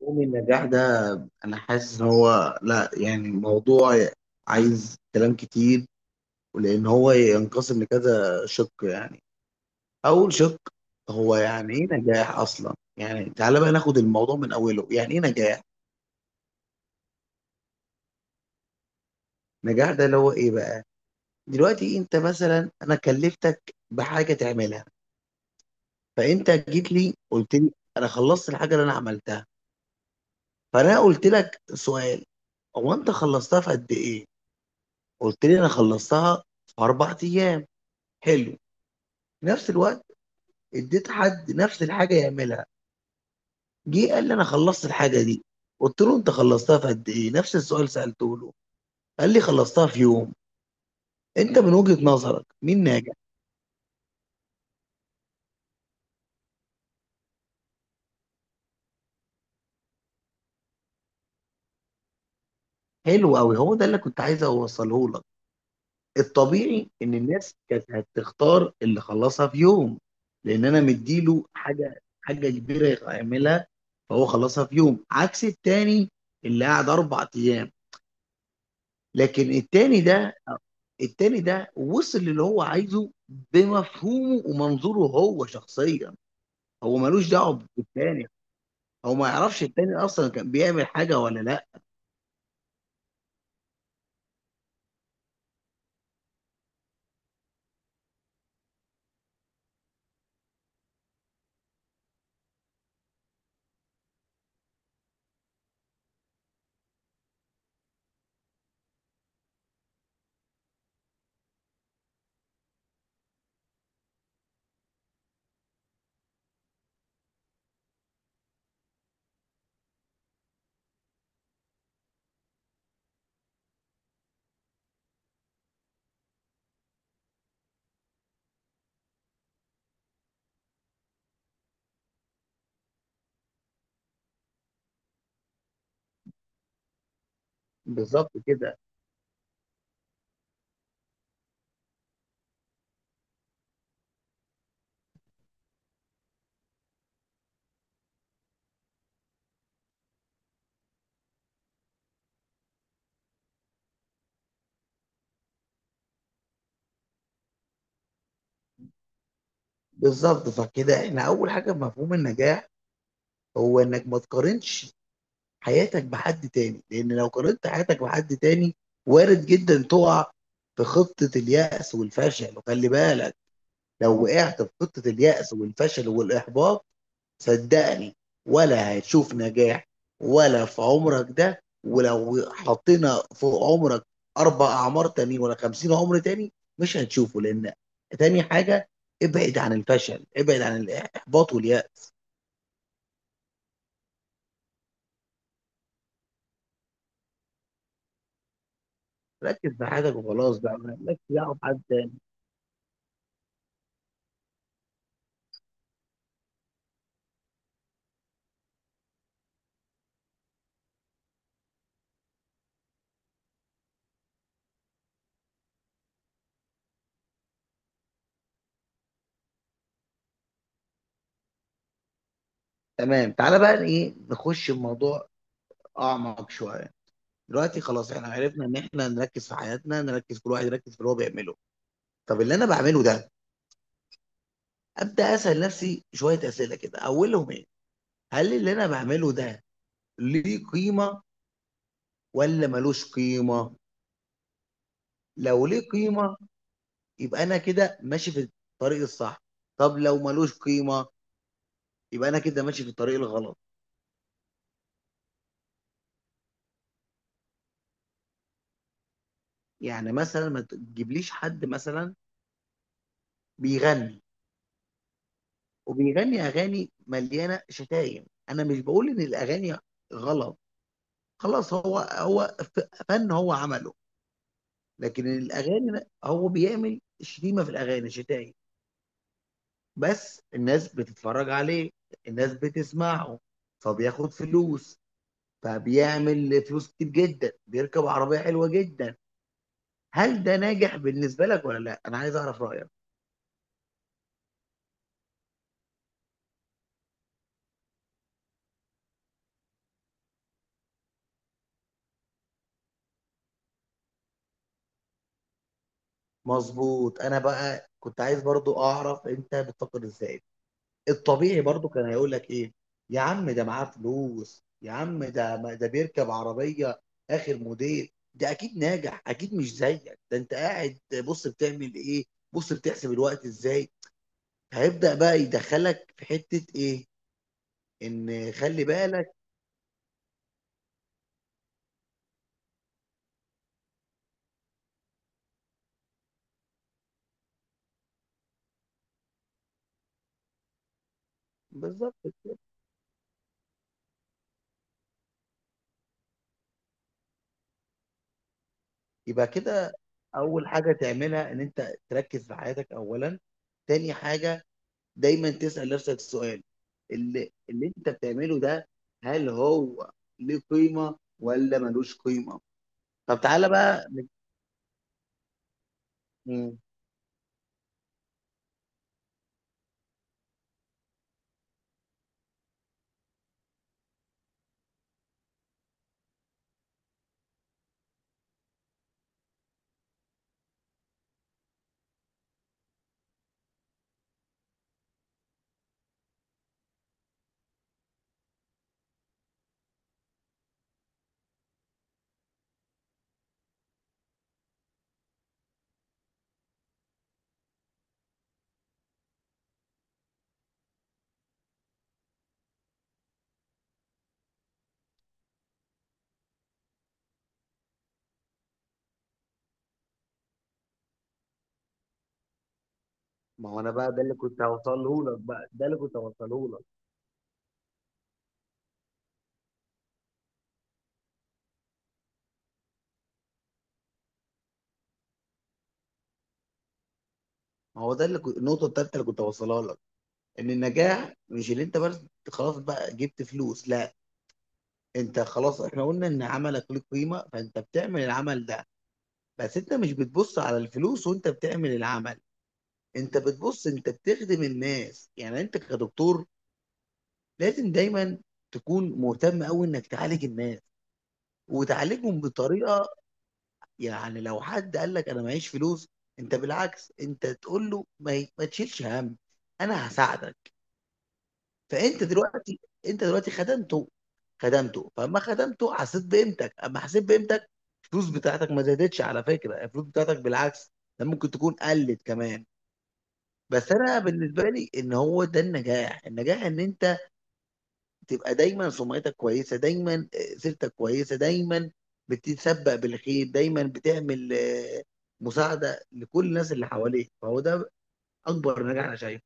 مفهوم النجاح ده، انا حاسس ان هو لا يعني موضوع عايز كلام كتير، ولان هو ينقسم لكذا شق يعني. اول شق، هو يعني ايه نجاح اصلا؟ يعني تعالى بقى ناخد الموضوع من اوله، يعني ايه نجاح؟ نجاح ده اللي هو ايه بقى؟ دلوقتي انت مثلا، انا كلفتك بحاجه تعملها. فانت جيت لي قلت لي: انا خلصت الحاجه اللي انا عملتها. فانا قلت لك سؤال: هو انت خلصتها في قد ايه؟ قلت لي: انا خلصتها في 4 ايام. حلو. في نفس الوقت اديت حد نفس الحاجه يعملها. جه قال لي: انا خلصت الحاجه دي. قلت له: انت خلصتها في قد ايه؟ نفس السؤال سالته له. قال لي: خلصتها في يوم. انت من وجهه نظرك مين ناجح؟ حلو قوي. هو ده اللي كنت عايز اوصله لك. الطبيعي ان الناس كانت هتختار اللي خلصها في يوم، لان انا مديله حاجه كبيره يعملها. فهو خلصها في يوم عكس التاني اللي قعد 4 ايام. لكن التاني ده وصل للي هو عايزه، بمفهومه ومنظوره هو شخصيا. هو ملوش دعوه بالتاني، هو ما يعرفش التاني اصلا كان بيعمل حاجه ولا لا. بالظبط كده، بالظبط. فكده احنا اول حاجه في مفهوم النجاح، هو انك ما تقارنش حياتك بحد تاني، لان لو قارنت حياتك بحد تاني، وارد جدا تقع في خطه اليأس والفشل. وخلي بالك، لو وقعت في خطه اليأس والفشل والاحباط، صدقني ولا هتشوف نجاح، ولا في عمرك ده، ولو حطينا في عمرك 4 اعمار تاني ولا 50 عمر تاني مش هتشوفه. لان تاني حاجة: ابعد عن الفشل، ابعد عن الاحباط واليأس. ركز في حياتك وخلاص، بقى مالكش دعوه بحد تاني. تمام. تعالى بقى ايه، نخش الموضوع اعمق شويه. دلوقتي خلاص احنا عرفنا ان احنا نركز في حياتنا، نركز. كل واحد يركز في اللي هو بيعمله. طب اللي انا بعمله ده، ابدا اسال نفسي شويه اسئله كده، اولهم ايه؟ هل اللي انا بعمله ده ليه قيمه ولا ملوش قيمه؟ لو ليه قيمه، يبقى انا كده ماشي في الطريق الصح. طب لو ملوش قيمه، يبقى انا كده ماشي في الطريق الغلط. يعني مثلا ما تجيبليش حد مثلا بيغني، وبيغني اغاني مليانه شتايم. انا مش بقول ان الاغاني غلط، خلاص هو فن هو عمله. لكن الاغاني هو بيعمل شتيمه في الاغاني، شتايم. بس الناس بتتفرج عليه، الناس بتسمعه، فبياخد فلوس، فبيعمل فلوس كتير جدا، بيركب عربية حلوة جدا. هل ده ناجح بالنسبة لك ولا لا؟ انا عايز اعرف رأيك. مظبوط. انا بقى كنت عايز برضو اعرف انت بتفكر ازاي. الطبيعي برضو كان هيقول لك ايه: يا عم ده معاه فلوس، يا عم ده بيركب عربية اخر موديل، ده اكيد ناجح، اكيد مش زيك. ده انت قاعد، بص بتعمل ايه، بص بتحسب الوقت ازاي. هيبدأ بقى يدخلك في حتة ايه، ان خلي بالك. بالظبط. يبقى كده، اول حاجة تعملها ان انت تركز في حياتك اولا. تاني حاجة، دايما تسأل نفسك السؤال: اللي انت بتعمله ده، هل هو ليه قيمة ولا ملوش قيمة؟ طب تعالى بقى مم. ما هو، انا بقى ده اللي كنت هوصله لك، بقى ده اللي كنت هوصله لك. ما هو ده اللي كنت النقطة التالتة اللي كنت هوصلها لك، ان النجاح مش اللي انت بس خلاص بقى جبت فلوس، لا. انت خلاص، احنا قلنا ان عملك له قيمة، فانت بتعمل العمل ده. بس انت مش بتبص على الفلوس وانت بتعمل العمل، انت بتبص انت بتخدم الناس. يعني انت كدكتور لازم دايما تكون مهتم قوي انك تعالج الناس، وتعالجهم بطريقة. يعني لو حد قال لك انا معيش فلوس، انت بالعكس انت تقول له: ما تشيلش هم، انا هساعدك. فانت دلوقتي انت دلوقتي خدمته. خدمته، فاما خدمته حسيت بقيمتك، اما حسيت بقيمتك، الفلوس بتاعتك ما زادتش. على فكره الفلوس بتاعتك بالعكس، ده ممكن تكون قلت كمان. بس انا بالنسبه لي ان هو ده النجاح. النجاح ان انت تبقى دايما سمعتك كويسه، دايما سيرتك كويسه، دايما بتتسبق بالخير، دايما بتعمل مساعده لكل الناس اللي حواليك. فهو ده اكبر نجاح انا شايفه.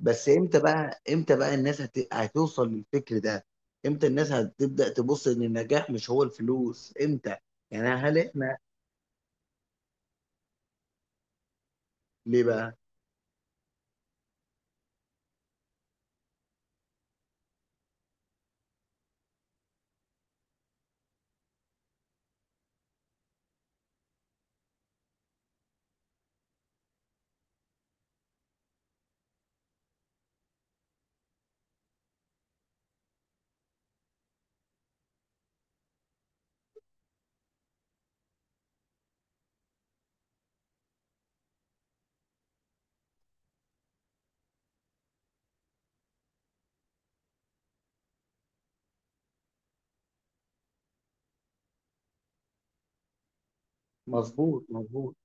بس امتى بقى، امتى بقى الناس هتوصل للفكر ده؟ امتى الناس هتبدأ تبص ان النجاح مش هو الفلوس؟ امتى؟ يعني هل احنا؟ ليه بقى؟ مظبوط، مظبوط.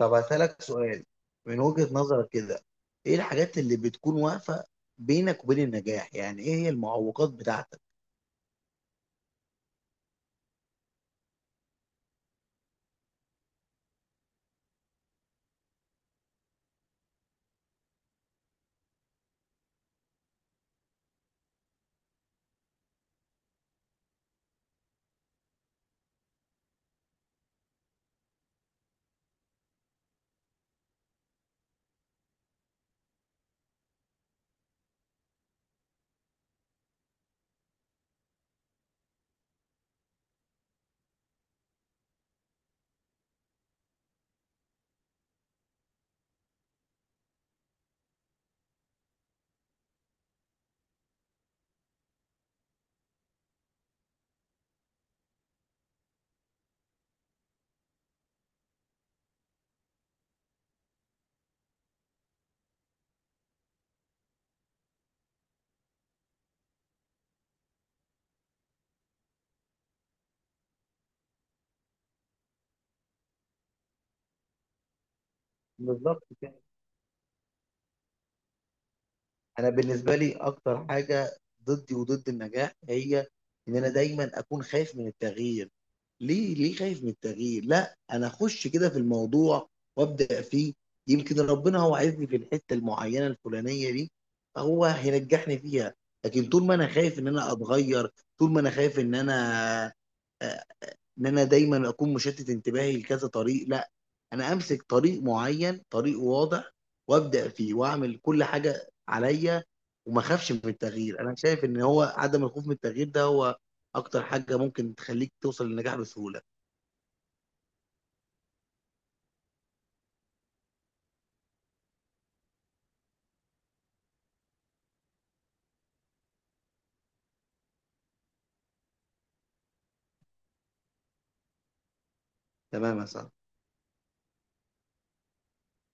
طب هسألك سؤال: من وجهة نظرك كده، ايه الحاجات اللي بتكون واقفة بينك وبين النجاح؟ يعني ايه هي المعوقات بتاعتك؟ بالظبط. انا بالنسبه لي اكتر حاجه ضدي وضد النجاح، هي ان انا دايما اكون خايف من التغيير. ليه خايف من التغيير؟ لا، انا اخش كده في الموضوع وابدا فيه، يمكن ربنا هو عايزني في الحته المعينه الفلانيه دي، فهو هينجحني فيها. لكن طول ما انا خايف ان انا اتغير، طول ما انا خايف آه، ان انا دايما اكون مشتت انتباهي لكذا طريق. لا، انا امسك طريق معين، طريق واضح، وابدا فيه واعمل كل حاجه عليا، وما اخافش من التغيير. انا شايف ان هو عدم الخوف من التغيير ده هو اكتر حاجه ممكن تخليك توصل للنجاح بسهوله. تمام يا صاحبي.